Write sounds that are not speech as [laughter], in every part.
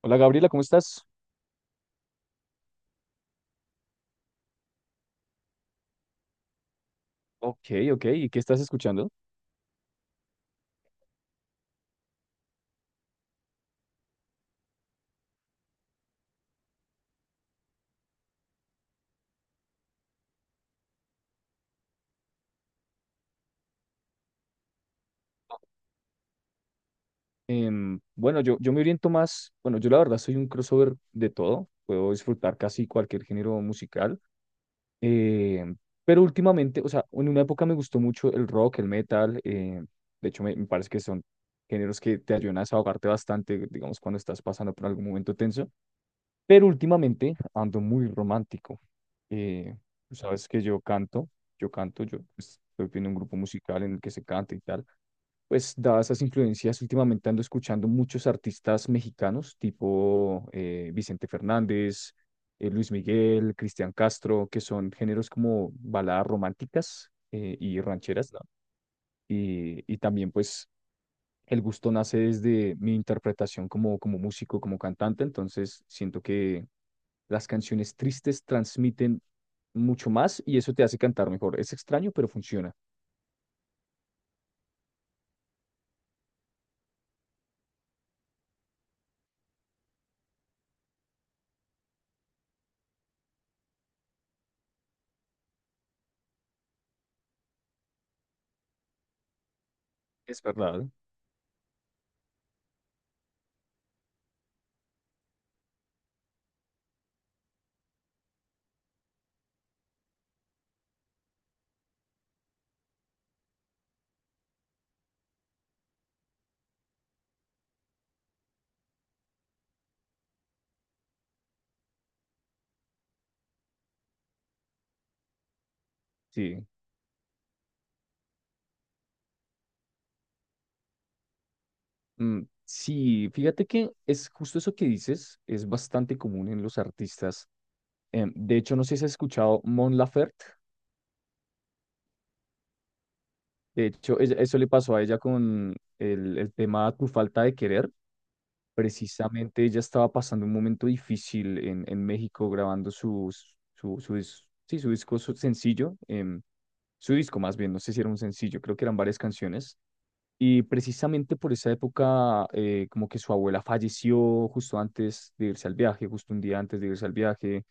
Hola Gabriela, ¿cómo estás? Ok, ok, ¿y qué estás escuchando? Bueno, yo me oriento más, bueno, yo la verdad soy un crossover de todo, puedo disfrutar casi cualquier género musical, em, pero últimamente, o sea, en una época me gustó mucho el rock, el metal, de hecho me parece que son géneros que te ayudan a desahogarte bastante, digamos, cuando estás pasando por algún momento tenso, pero últimamente ando muy romántico. Eh, tú sabes que yo canto, yo canto, yo pues, estoy en un grupo musical en el que se canta y tal. Pues dadas esas influencias, últimamente ando escuchando muchos artistas mexicanos, tipo Vicente Fernández, Luis Miguel, Cristian Castro, que son géneros como baladas románticas y rancheras, ¿no? Y también pues el gusto nace desde mi interpretación como, como músico, como cantante, entonces siento que las canciones tristes transmiten mucho más y eso te hace cantar mejor. Es extraño, pero funciona. Es verdad. Sí. Mm, sí, fíjate que es justo eso que dices, es bastante común en los artistas. Em, de hecho, no sé si has escuchado Mon Laferte. De hecho, ella- eso le pasó a ella con el tema Tu falta de querer. Precisamente ella estaba pasando un momento difícil en México grabando dis- sí, su disco su sencillo, su disco más bien, no sé si era un sencillo, creo que eran varias canciones. Y precisamente por esa época, como que su abuela falleció justo antes de irse al viaje, justo un día antes de irse al viaje.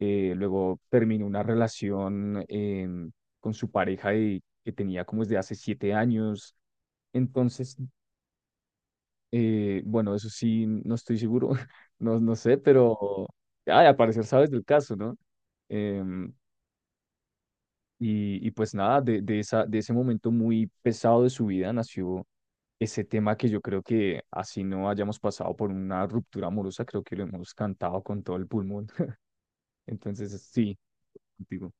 Luego terminó una relación con su pareja y- que tenía como desde hace 7 años. Entonces, bueno, eso sí, no estoy seguro, [laughs] no, no sé, pero ay, al parecer sabes del caso, ¿no? Em, Y y pues nada, de ese momento muy pesado de su vida nació ese tema que yo creo que así no hayamos pasado por una ruptura amorosa, creo que lo hemos cantado con todo el pulmón. [laughs] Entonces, sí, contigo.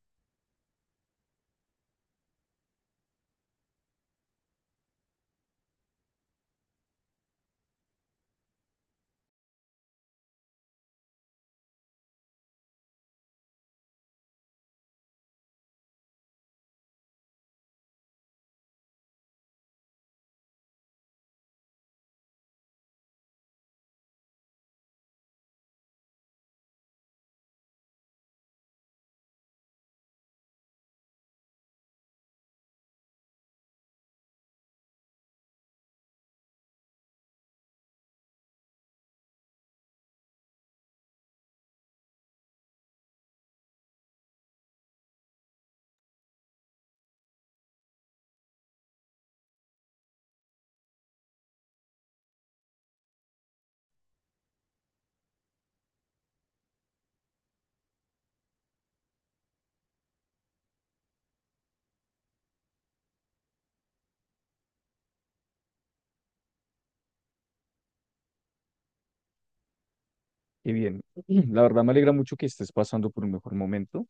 Y bien, [clears throat] la verdad me alegra mucho que estés pasando por un mejor momento.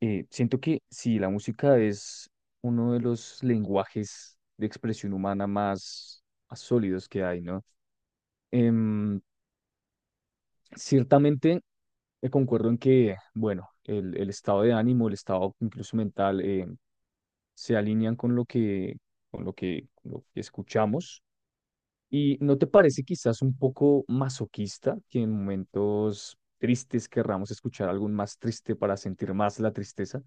Siento que sí, la música es uno de los lenguajes de expresión humana más sólidos que hay, ¿no? Em, ciertamente concuerdo en que, bueno, el estado de ánimo, el estado incluso mental, se alinean con con lo que escuchamos. ¿Y no te parece quizás un poco masoquista que en momentos tristes querramos escuchar algo más triste para sentir más la tristeza?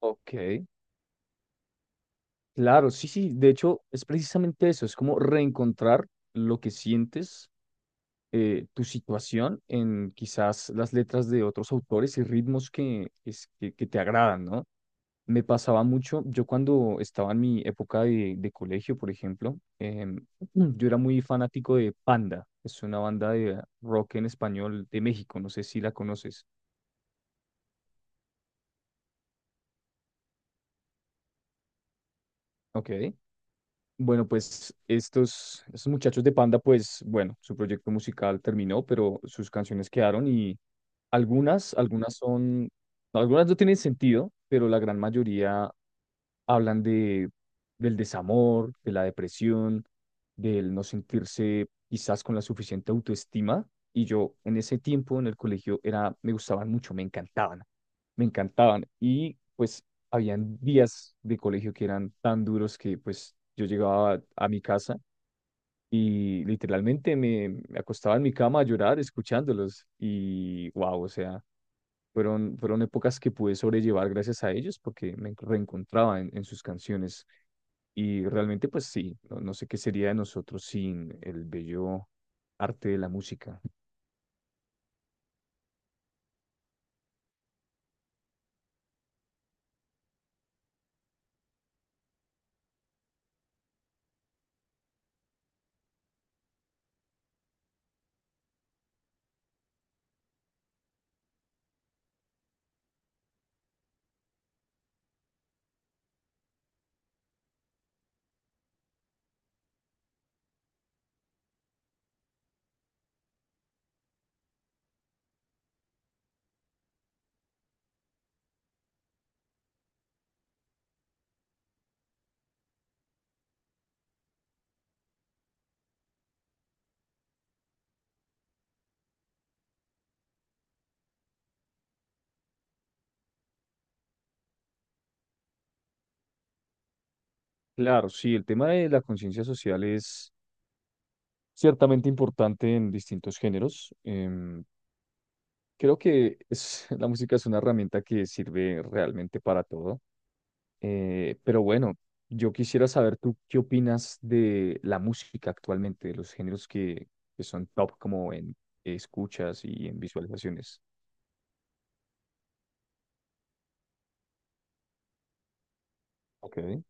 Ok, claro, sí, sí, de hecho es precisamente eso, es como reencontrar lo que sientes, tu situación en quizás las letras de otros autores y ritmos es- que te agradan, ¿no? Me pasaba mucho, yo cuando estaba en mi época de colegio, por ejemplo, em, Mm. Yo era muy fanático de Panda, es una banda de rock en español de México, no sé si la conoces. Ok. Bueno, pues estos muchachos de Panda, pues bueno, su proyecto musical terminó, pero sus canciones quedaron y algunas, algunas son, algunas no tienen sentido, pero la gran mayoría hablan de, del desamor, de la depresión, del no sentirse quizás con la suficiente autoestima. Y yo en ese tiempo en el colegio era, me gustaban mucho, me encantaban, me encantaban. Y pues habían días de colegio que eran tan duros que pues yo llegaba a mi casa y literalmente me acostaba en mi cama a llorar escuchándolos. Y wow, o sea fueron épocas que pude sobrellevar gracias a ellos porque me reencontraba en sus canciones. Y realmente, pues sí, no, no sé qué sería de nosotros sin el bello arte de la música. Claro, sí, el tema de la conciencia social es ciertamente importante en distintos géneros. Em, creo que es- [laughs] la música es una herramienta que sirve realmente para todo. Pero bueno, yo quisiera saber tú qué opinas de la música actualmente, de los géneros que son top como en escuchas y en visualizaciones. Ok.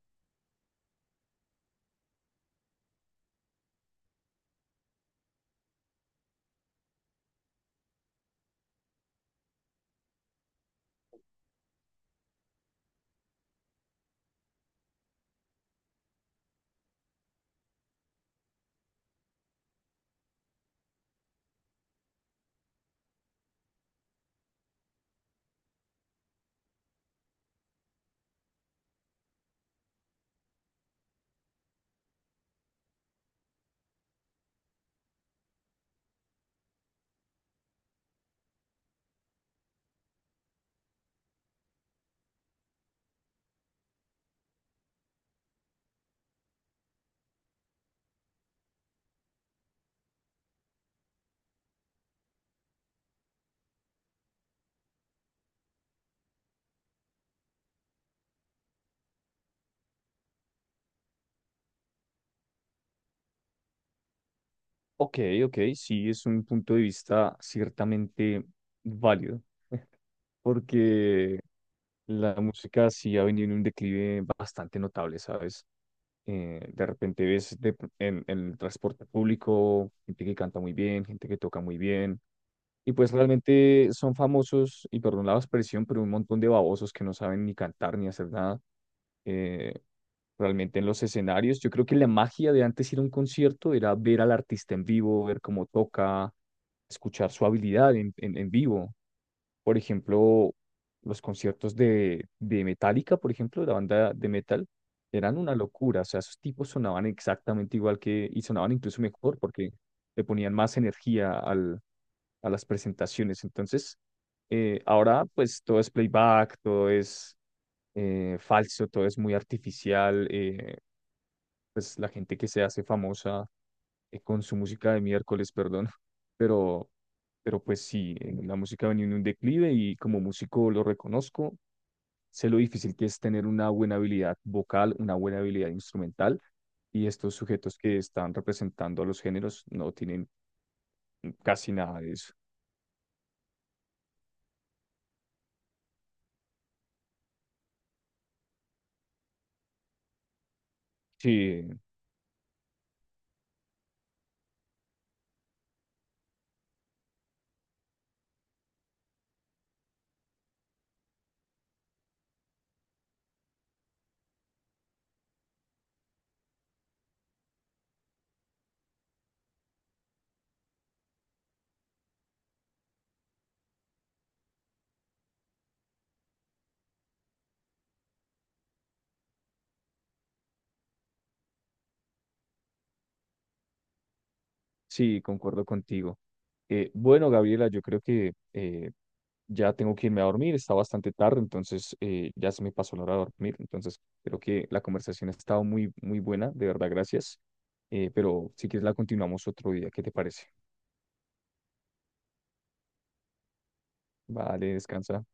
Ok, ok, sí, es un punto de vista ciertamente válido, porque la música sí ha venido en un declive bastante notable, ¿sabes? De repente ves de- en el transporte público gente que canta muy bien, gente que toca muy bien. Y pues realmente son famosos, y perdón la expresión, pero un montón de babosos que no saben ni cantar ni hacer nada. eh, Realmente en los escenarios, yo creo que la magia de antes ir a un concierto era ver al artista en vivo, ver cómo toca, escuchar su habilidad en vivo. Por ejemplo, los conciertos de Metallica, por ejemplo, la banda de metal, eran una locura. O sea, esos tipos sonaban exactamente igual que, y sonaban incluso mejor porque le ponían más energía al a las presentaciones. Entonces, ahora pues todo es playback, todo es falso, todo es muy artificial. Pues la gente que se hace famosa con su música de miércoles, perdón, [laughs] pero, pero pues sí, la música ha venido en un declive y como músico lo reconozco. Sé lo difícil que es tener una buena habilidad vocal, una buena habilidad instrumental, y estos sujetos que están representando a los géneros no tienen casi nada de eso. Sí, sí, concuerdo contigo. Bueno, Gabriela, yo creo que ya tengo que irme a dormir, está bastante tarde, entonces ya se me pasó la hora de dormir, entonces creo que la conversación ha estado muy buena, de verdad, gracias. Pero si quieres la continuamos otro día, ¿qué te parece? Vale, descansa.